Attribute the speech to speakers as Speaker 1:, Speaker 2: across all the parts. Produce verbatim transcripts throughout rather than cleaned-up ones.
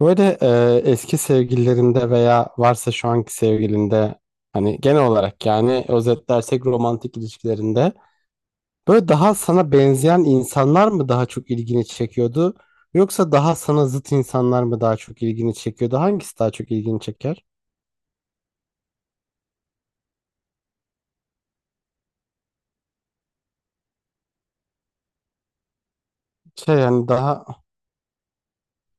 Speaker 1: Böyle e, eski sevgililerinde veya varsa şu anki sevgilinde hani genel olarak yani özetlersek romantik ilişkilerinde böyle daha sana benzeyen insanlar mı daha çok ilgini çekiyordu yoksa daha sana zıt insanlar mı daha çok ilgini çekiyordu? Hangisi daha çok ilgini çeker? Şey yani daha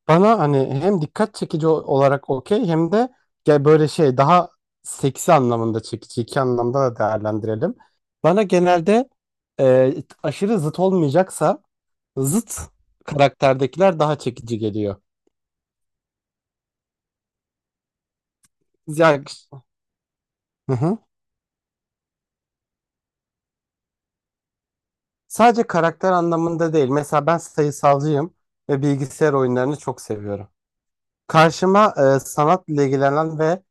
Speaker 1: bana hani hem dikkat çekici o- olarak okey hem de gel böyle şey daha seksi anlamında çekici iki anlamda da değerlendirelim. Bana genelde e, aşırı zıt olmayacaksa zıt karakterdekiler daha çekici geliyor. Yani, hı hı. Sadece karakter anlamında değil. Mesela ben sayısalcıyım ve bilgisayar oyunlarını çok seviyorum. Karşıma e, sanatla ilgilenen ve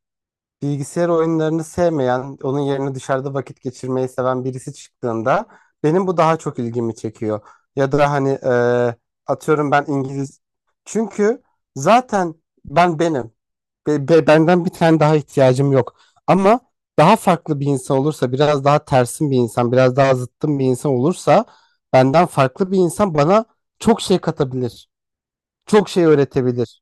Speaker 1: bilgisayar oyunlarını sevmeyen, onun yerine dışarıda vakit geçirmeyi seven birisi çıktığında benim bu daha çok ilgimi çekiyor. Ya da hani e, atıyorum ben İngiliz. Çünkü zaten ben benim. Be- be- benden bir tane daha ihtiyacım yok. Ama daha farklı bir insan olursa, biraz daha tersin bir insan, biraz daha zıttım bir insan olursa, benden farklı bir insan bana çok şey katabilir. Çok şey öğretebilir.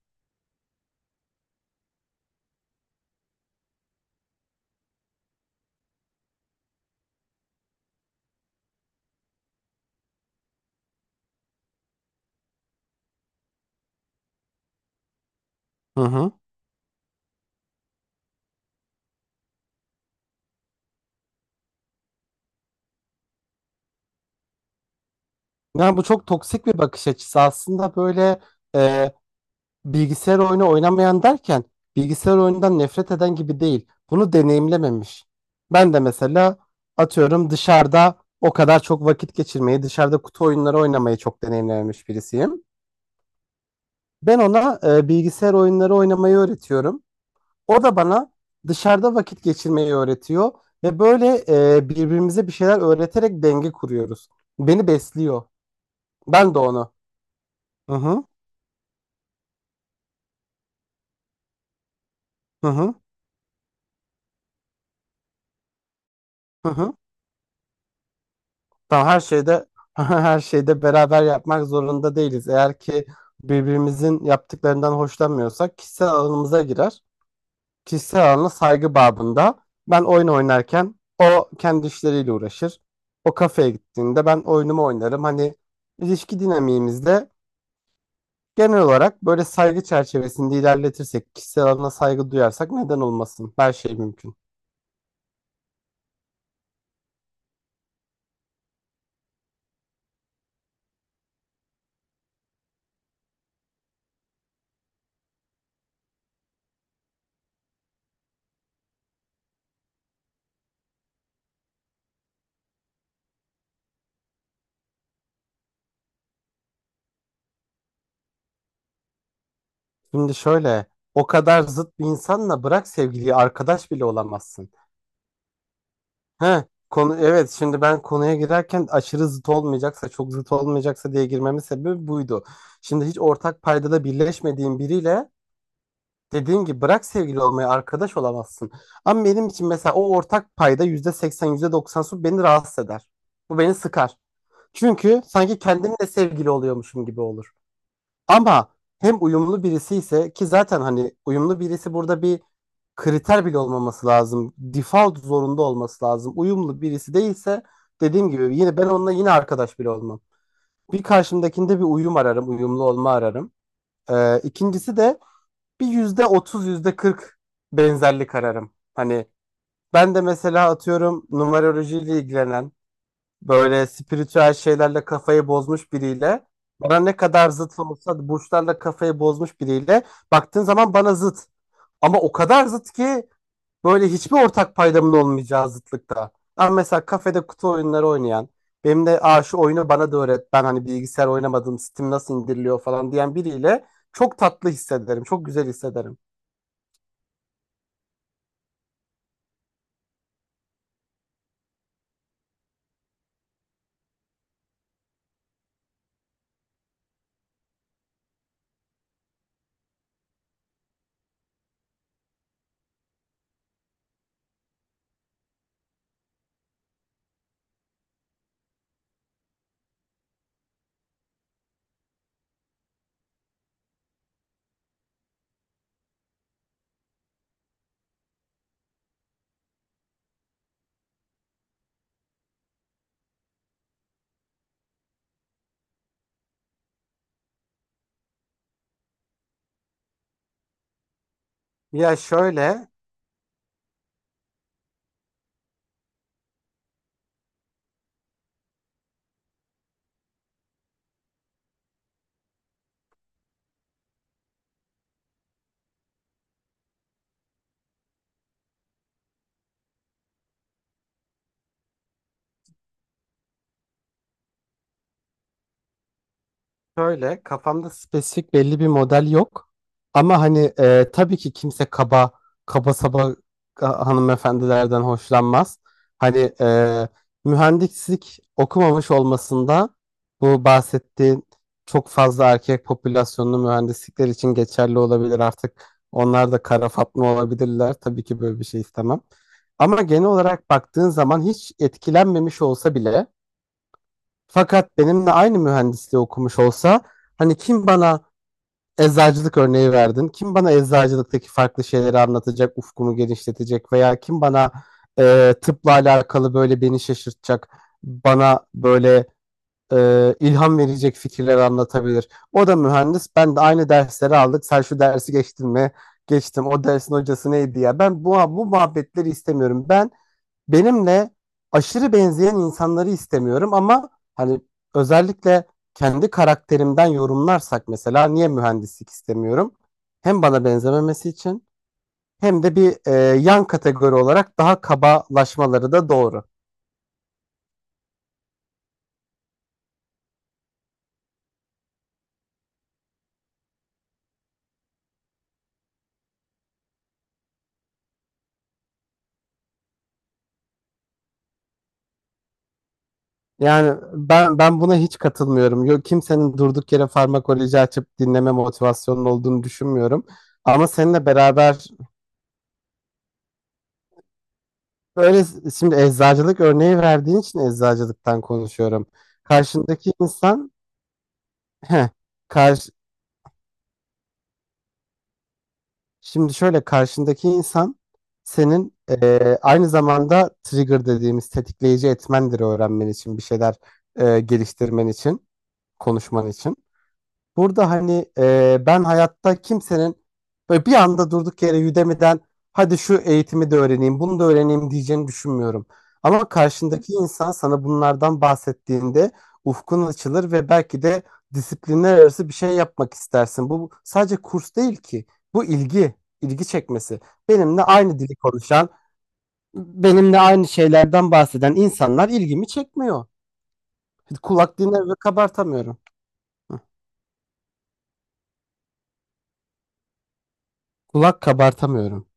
Speaker 1: Hı hı. Yani bu çok toksik bir bakış açısı. Aslında böyle e, bilgisayar oyunu oynamayan derken bilgisayar oyunundan nefret eden gibi değil. Bunu deneyimlememiş. Ben de mesela atıyorum dışarıda o kadar çok vakit geçirmeyi, dışarıda kutu oyunları oynamayı çok deneyimlememiş birisiyim. Ben ona e, bilgisayar oyunları oynamayı öğretiyorum. O da bana dışarıda vakit geçirmeyi öğretiyor ve böyle e, birbirimize bir şeyler öğreterek denge kuruyoruz. Beni besliyor. Ben de onu. Hı hı. Hı hı. Hı hı. Tamam her şeyde her şeyde beraber yapmak zorunda değiliz. Eğer ki birbirimizin yaptıklarından hoşlanmıyorsak kişisel alanımıza girer. Kişisel alana saygı babında ben oyun oynarken o kendi işleriyle uğraşır. O kafeye gittiğinde ben oyunumu oynarım. Hani ilişki dinamiğimizde genel olarak böyle saygı çerçevesinde ilerletirsek, kişisel alana saygı duyarsak neden olmasın? Her şey mümkün. Şimdi şöyle o kadar zıt bir insanla bırak sevgiliyi arkadaş bile olamazsın. He, konu evet şimdi ben konuya girerken aşırı zıt olmayacaksa çok zıt olmayacaksa diye girmemin sebebi buydu. Şimdi hiç ortak paydada birleşmediğin biriyle dediğim gibi bırak sevgili olmayı arkadaş olamazsın. Ama benim için mesela o ortak payda yüzde seksen yüzde doksan su beni rahatsız eder. Bu beni sıkar. Çünkü sanki kendimle sevgili oluyormuşum gibi olur. Ama hem uyumlu birisi ise ki zaten hani uyumlu birisi burada bir kriter bile olmaması lazım. Default zorunda olması lazım. Uyumlu birisi değilse dediğim gibi yine ben onunla yine arkadaş bile olmam. Bir karşımdakinde bir uyum ararım, uyumlu olma ararım. Ee, ikincisi de bir yüzde otuz, yüzde kırk benzerlik ararım. Hani ben de mesela atıyorum numerolojiyle ilgilenen böyle spiritüel şeylerle kafayı bozmuş biriyle bana ne kadar zıt olsa da burçlarla kafayı bozmuş biriyle baktığın zaman bana zıt. Ama o kadar zıt ki böyle hiçbir ortak paydamın olmayacağı zıtlıkta. Ama mesela kafede kutu oyunları oynayan benim de Aa, şu oyunu bana da öğret ben hani bilgisayar oynamadım Steam nasıl indiriliyor falan diyen biriyle çok tatlı hissederim. Çok güzel hissederim. Ya şöyle Şöyle kafamda spesifik belli bir model yok. Ama hani e, tabii ki kimse kaba kaba saba ka- hanımefendilerden hoşlanmaz. Hani e, mühendislik okumamış olmasında bu bahsettiğin çok fazla erkek popülasyonlu mühendislikler için geçerli olabilir artık. Onlar da kara Fatma olabilirler. Tabii ki böyle bir şey istemem. Ama genel olarak baktığın zaman hiç etkilenmemiş olsa bile fakat benimle aynı mühendisliği okumuş olsa hani kim bana eczacılık örneği verdin? Kim bana eczacılıktaki farklı şeyleri anlatacak, ufkumu genişletecek veya kim bana e, tıpla alakalı böyle beni şaşırtacak, bana böyle e, ilham verecek fikirler anlatabilir? O da mühendis. Ben de aynı dersleri aldık. Sen şu dersi geçtin mi? Geçtim. O dersin hocası neydi ya? Ben bu bu muhabbetleri istemiyorum. Ben benimle aşırı benzeyen insanları istemiyorum ama hani özellikle kendi karakterimden yorumlarsak mesela niye mühendislik istemiyorum? Hem bana benzememesi için hem de bir e, yan kategori olarak daha kabalaşmaları da doğru. Yani ben ben buna hiç katılmıyorum. Yok kimsenin durduk yere farmakoloji açıp dinleme motivasyonunun olduğunu düşünmüyorum. Ama seninle beraber böyle şimdi eczacılık örneği verdiğin için eczacılıktan konuşuyorum. Karşındaki insan Heh, karşı, şimdi şöyle karşındaki insan senin eee, aynı zamanda trigger dediğimiz tetikleyici etmendir öğrenmen için bir şeyler eee, geliştirmen için konuşman için. Burada hani e, ben hayatta kimsenin böyle bir anda durduk yere Udemy'den hadi şu eğitimi de öğreneyim, bunu da öğreneyim diyeceğini düşünmüyorum. Ama karşındaki insan sana bunlardan bahsettiğinde ufkun açılır ve belki de disiplinler arası bir şey yapmak istersin. Bu sadece kurs değil ki. Bu ilgi, ilgi çekmesi. Benimle aynı dili konuşan, benimle aynı şeylerden bahseden insanlar ilgimi çekmiyor. Kulak dinler ve kabartamıyorum. Kulak kabartamıyorum.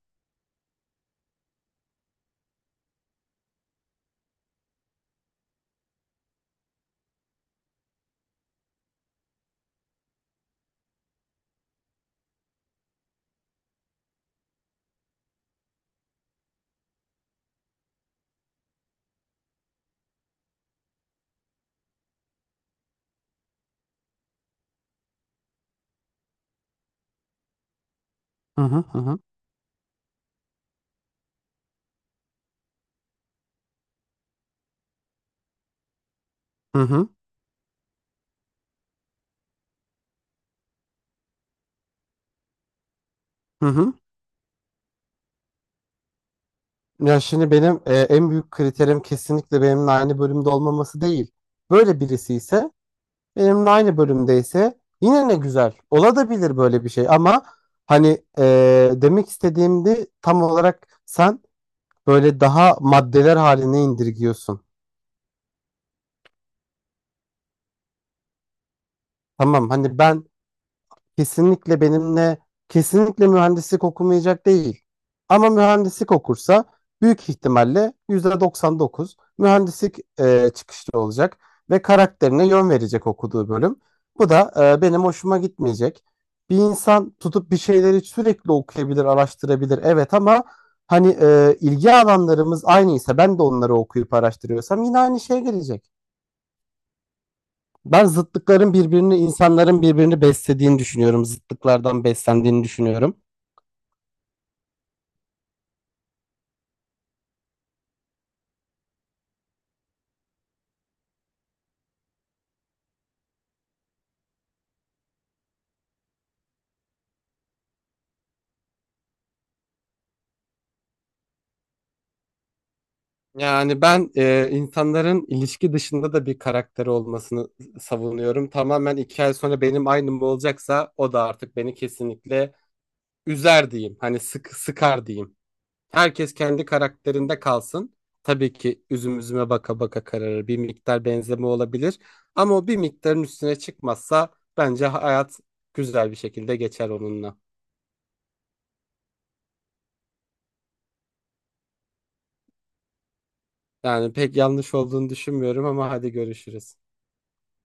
Speaker 1: Hı hı hı. Hı hı, hı hı. Ya şimdi benim e, en büyük kriterim kesinlikle benimle aynı bölümde olmaması değil. Böyle birisi ise benimle aynı bölümdeyse yine ne güzel. Olabilir böyle bir şey ama hani e, demek istediğimde tam olarak sen böyle daha maddeler haline indirgiyorsun. Tamam hani ben kesinlikle benimle kesinlikle mühendislik okumayacak değil. Ama mühendislik okursa büyük ihtimalle yüzde doksan dokuz mühendislik e, çıkışlı olacak ve karakterine yön verecek okuduğu bölüm. Bu da e, benim hoşuma gitmeyecek. Bir insan tutup bir şeyleri sürekli okuyabilir, araştırabilir. Evet ama hani e, ilgi alanlarımız aynıysa ben de onları okuyup araştırıyorsam yine aynı şeye gelecek. Ben zıtlıkların birbirini, insanların birbirini beslediğini düşünüyorum. Zıtlıklardan beslendiğini düşünüyorum. Yani ben e, insanların ilişki dışında da bir karakteri olmasını savunuyorum. Tamamen iki ay sonra benim aynım olacaksa o da artık beni kesinlikle üzer diyeyim. Hani sık, sıkar diyeyim. Herkes kendi karakterinde kalsın. Tabii ki üzüm üzüme baka baka kararır. Bir miktar benzeme olabilir. Ama o bir miktarın üstüne çıkmazsa bence hayat güzel bir şekilde geçer onunla. Yani pek yanlış olduğunu düşünmüyorum ama hadi görüşürüz.